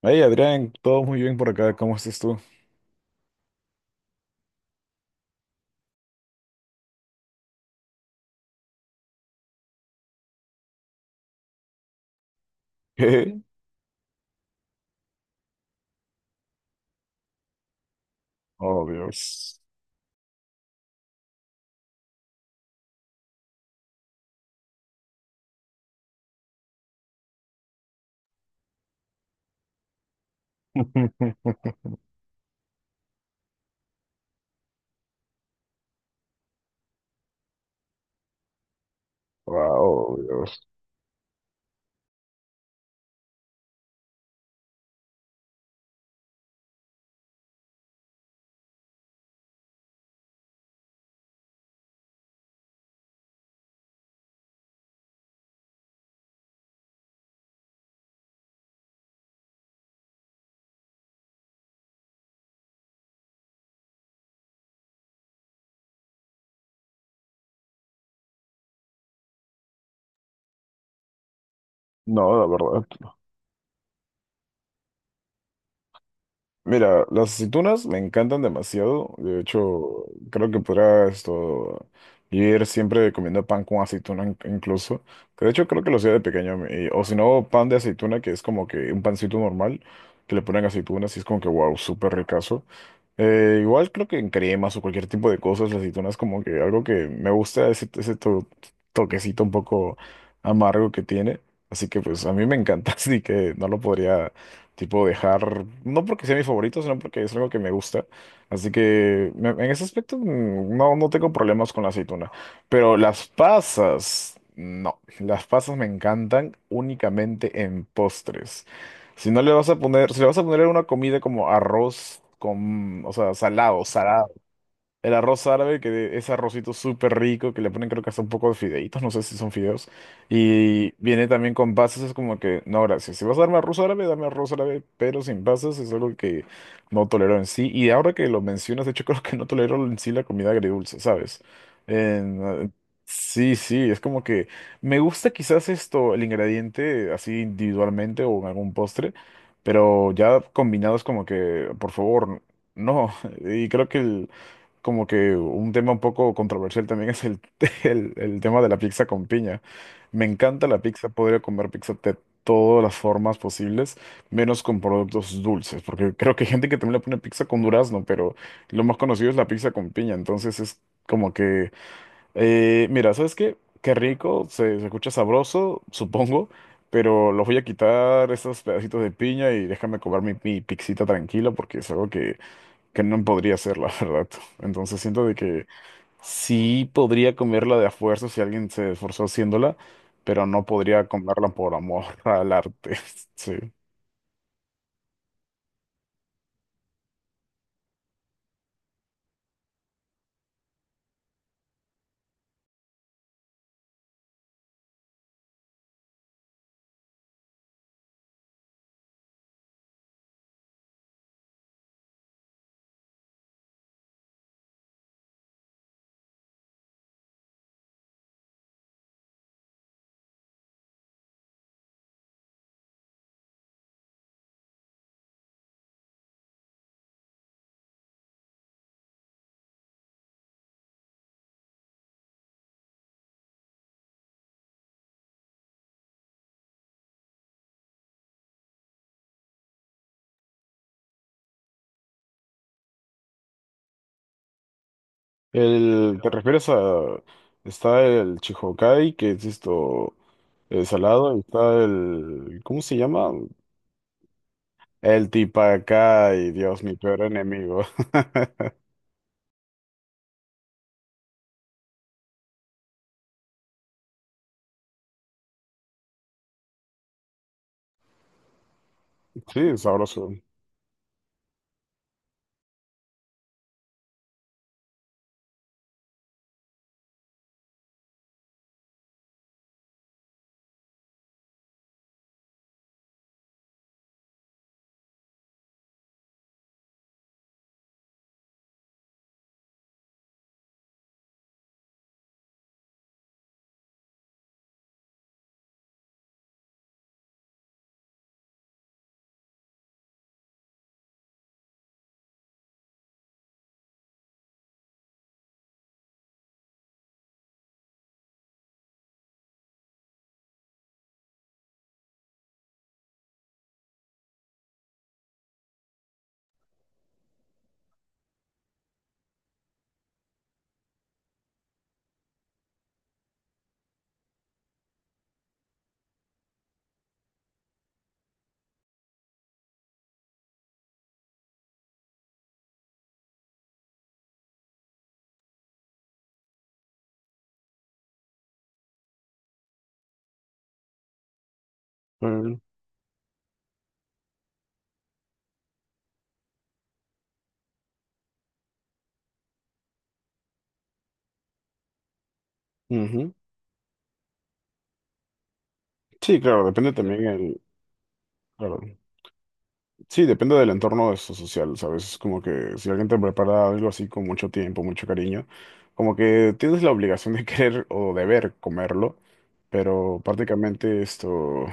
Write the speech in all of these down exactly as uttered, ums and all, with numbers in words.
Hey Adrián, todo muy bien por acá, ¿cómo estás tú? ¿Qué? Oh Dios. Wow, Dios. No, la verdad. Mira, las aceitunas me encantan demasiado. De hecho, creo que podrá esto ir siempre comiendo pan con aceituna in- incluso. Que de hecho creo que lo hacía de pequeño. me- O si no, pan de aceituna, que es como que un pancito normal, que le ponen aceitunas y es como que wow, súper ricazo. Eh, igual creo que en cremas o cualquier tipo de cosas, la aceituna es como que algo que me gusta, ese, ese to- toquecito un poco amargo que tiene. Así que pues a mí me encanta, así que no lo podría tipo dejar, no porque sea mi favorito, sino porque es algo que me gusta. Así que me- en ese aspecto mm, no, no tengo problemas con la aceituna. Pero las pasas, no, las pasas me encantan únicamente en postres. Si no le vas a poner, si le vas a poner una comida como arroz con, o sea, salado, salado, el arroz árabe, que es arrocito súper rico, que le ponen creo que hasta un poco de fideitos, no sé si son fideos. Y viene también con pasas, es como que, no, gracias. Si vas a darme arroz árabe, dame arroz árabe, pero sin pasas es algo que no tolero en sí. Y ahora que lo mencionas, de hecho creo que no tolero en sí la comida agridulce, ¿sabes? En, eh, sí, sí, es como que me gusta quizás esto, el ingrediente así individualmente o en algún postre, pero ya combinado es como que, por favor, no. Y creo que el como que un tema un poco controversial también es el, el, el tema de la pizza con piña. Me encanta la pizza, podría comer pizza de todas las formas posibles, menos con productos dulces, porque creo que hay gente que también le pone pizza con durazno, pero lo más conocido es la pizza con piña, entonces es como que, eh, mira, ¿sabes qué? Qué rico, se, se escucha sabroso, supongo, pero los voy a quitar esos pedacitos de piña y déjame comer mi, mi pixita tranquila porque es algo que no podría ser, la verdad. Entonces siento de que sí podría comerla de a fuerza si alguien se esforzó haciéndola, pero no podría comerla por amor al arte. Sí. El, ¿te refieres a... Está el Chihokai, que es esto, el salado, y está el... ¿Cómo se llama? El Tipacay, Dios, mi peor enemigo. Sí, sabroso. Mm, ujú. Sí, claro, depende también el... claro. Sí, depende del entorno eso social, ¿sabes? Es como que si alguien te prepara algo así con mucho tiempo, mucho cariño, como que tienes la obligación de querer o deber comerlo, pero prácticamente esto,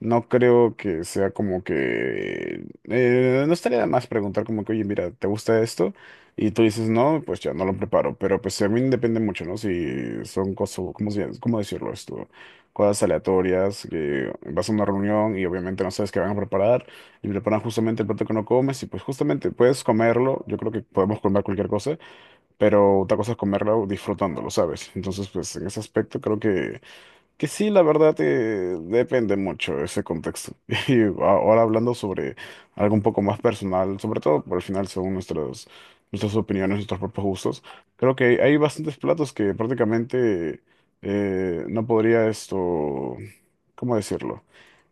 no creo que sea como que... eh, no estaría de más preguntar como que, oye, mira, ¿te gusta esto? Y tú dices, no, pues ya no lo preparo. Pero pues también depende mucho, ¿no? Si son cosas, ¿cómo, se- cómo decirlo esto? Cosas aleatorias, que vas a una reunión y obviamente no sabes qué van a preparar y preparan justamente el plato que no comes y pues justamente puedes comerlo. Yo creo que podemos comer cualquier cosa, pero otra cosa es comerlo disfrutándolo, ¿sabes? Entonces, pues en ese aspecto creo que... Que sí, la verdad, eh, depende mucho ese contexto. Y a- ahora hablando sobre algo un poco más personal, sobre todo por el final, según nuestros, nuestras opiniones, nuestros propios gustos, creo que hay bastantes platos que prácticamente eh, no podría esto, ¿cómo decirlo?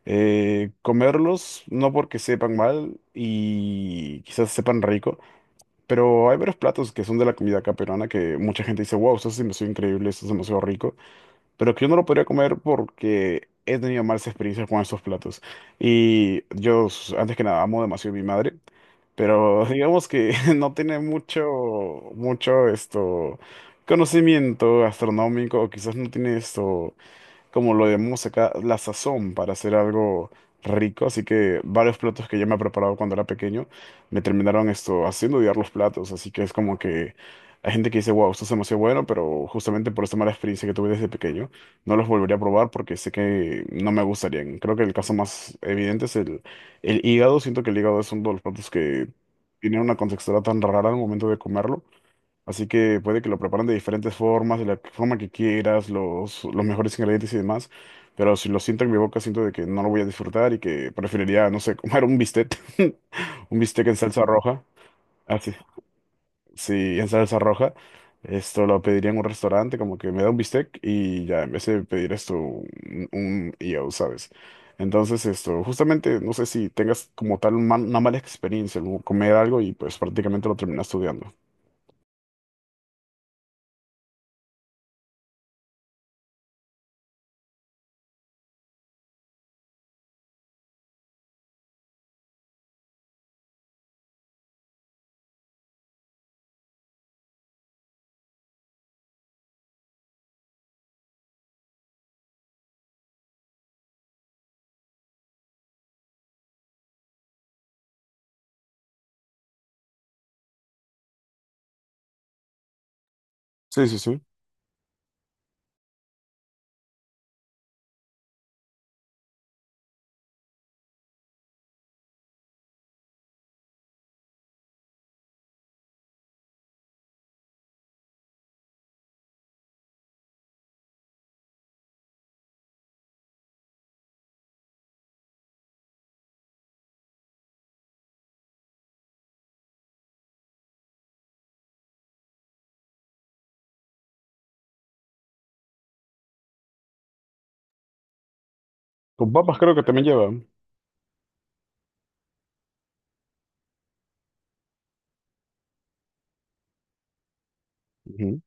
Eh, comerlos, no porque sepan mal y quizás sepan rico, pero hay varios platos que son de la comida acá peruana que mucha gente dice, wow, esto es demasiado increíble, esto es demasiado rico pero que yo no lo podría comer porque he tenido malas experiencias con esos platos. Y yo, s- antes que nada, amo demasiado a mi madre, pero digamos que no tiene mucho, mucho esto, conocimiento gastronómico, o quizás no tiene esto como lo llamamos acá, la sazón para hacer algo rico. Así que varios platos que yo me he preparado cuando era pequeño me terminaron esto haciendo odiar los platos. Así que es como que hay gente que dice, wow, esto es demasiado bueno, pero justamente por esta mala experiencia que tuve desde pequeño, no los volvería a probar porque sé que no me gustarían. Creo que el caso más evidente es el, el hígado. Siento que el hígado es uno de los platos que tiene una contextura tan rara al momento de comerlo. Así que puede que lo preparan de diferentes formas, de la forma que quieras, los, los mejores ingredientes y demás. Pero si lo siento en mi boca, siento de que no lo voy a disfrutar y que preferiría, no sé, comer un bistec. Un bistec en salsa roja. Así, sí, sí, en salsa roja. Esto lo pediría en un restaurante, como que me da un bistec y ya, en vez de pedir esto, un, un yo, ¿sabes? Entonces, esto, justamente, no sé si tengas como tal un mal- una mala experiencia, como comer algo y pues prácticamente lo terminas estudiando. Sí, sí, sí. Con papas creo que también lleva. Ujú.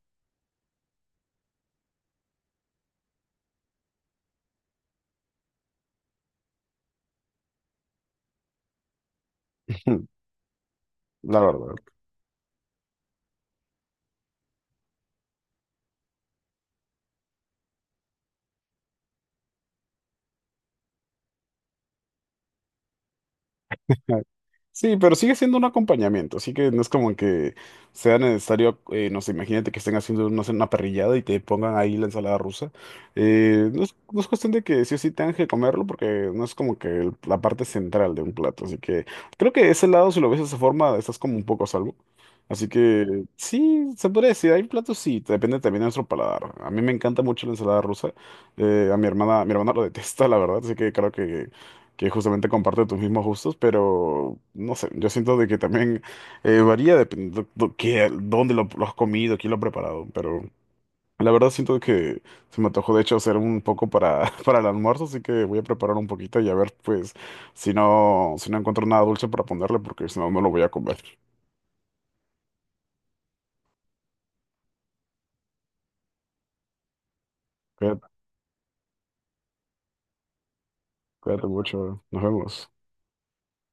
La verdad. Sí, pero sigue siendo un acompañamiento, así que no es como que sea necesario, eh, no sé, imagínate que estén haciendo no sé, una parrillada y te pongan ahí la ensalada rusa. Eh, no es, no es cuestión de que sí o sí tengan que comerlo, porque no es como que el- la parte central de un plato, así que creo que ese lado, si lo ves de esa forma, estás como un poco a salvo. Así que sí, se podría decir, hay platos, sí, depende también de nuestro paladar. A mí me encanta mucho la ensalada rusa, eh, a mi hermana, mi hermana lo detesta, la verdad, así que creo que que justamente comparte tus mismos gustos, pero no sé, yo siento de que también eh, varía dependiendo do- qué- dónde lo, lo has comido, quién lo ha preparado, pero la verdad siento que se me antojó de hecho hacer un poco para, para el almuerzo, así que voy a preparar un poquito y a ver pues si no, si no encuentro nada dulce para ponerle, porque si no, no lo voy a comer. Cuídate, cuídate mucho, nos vemos.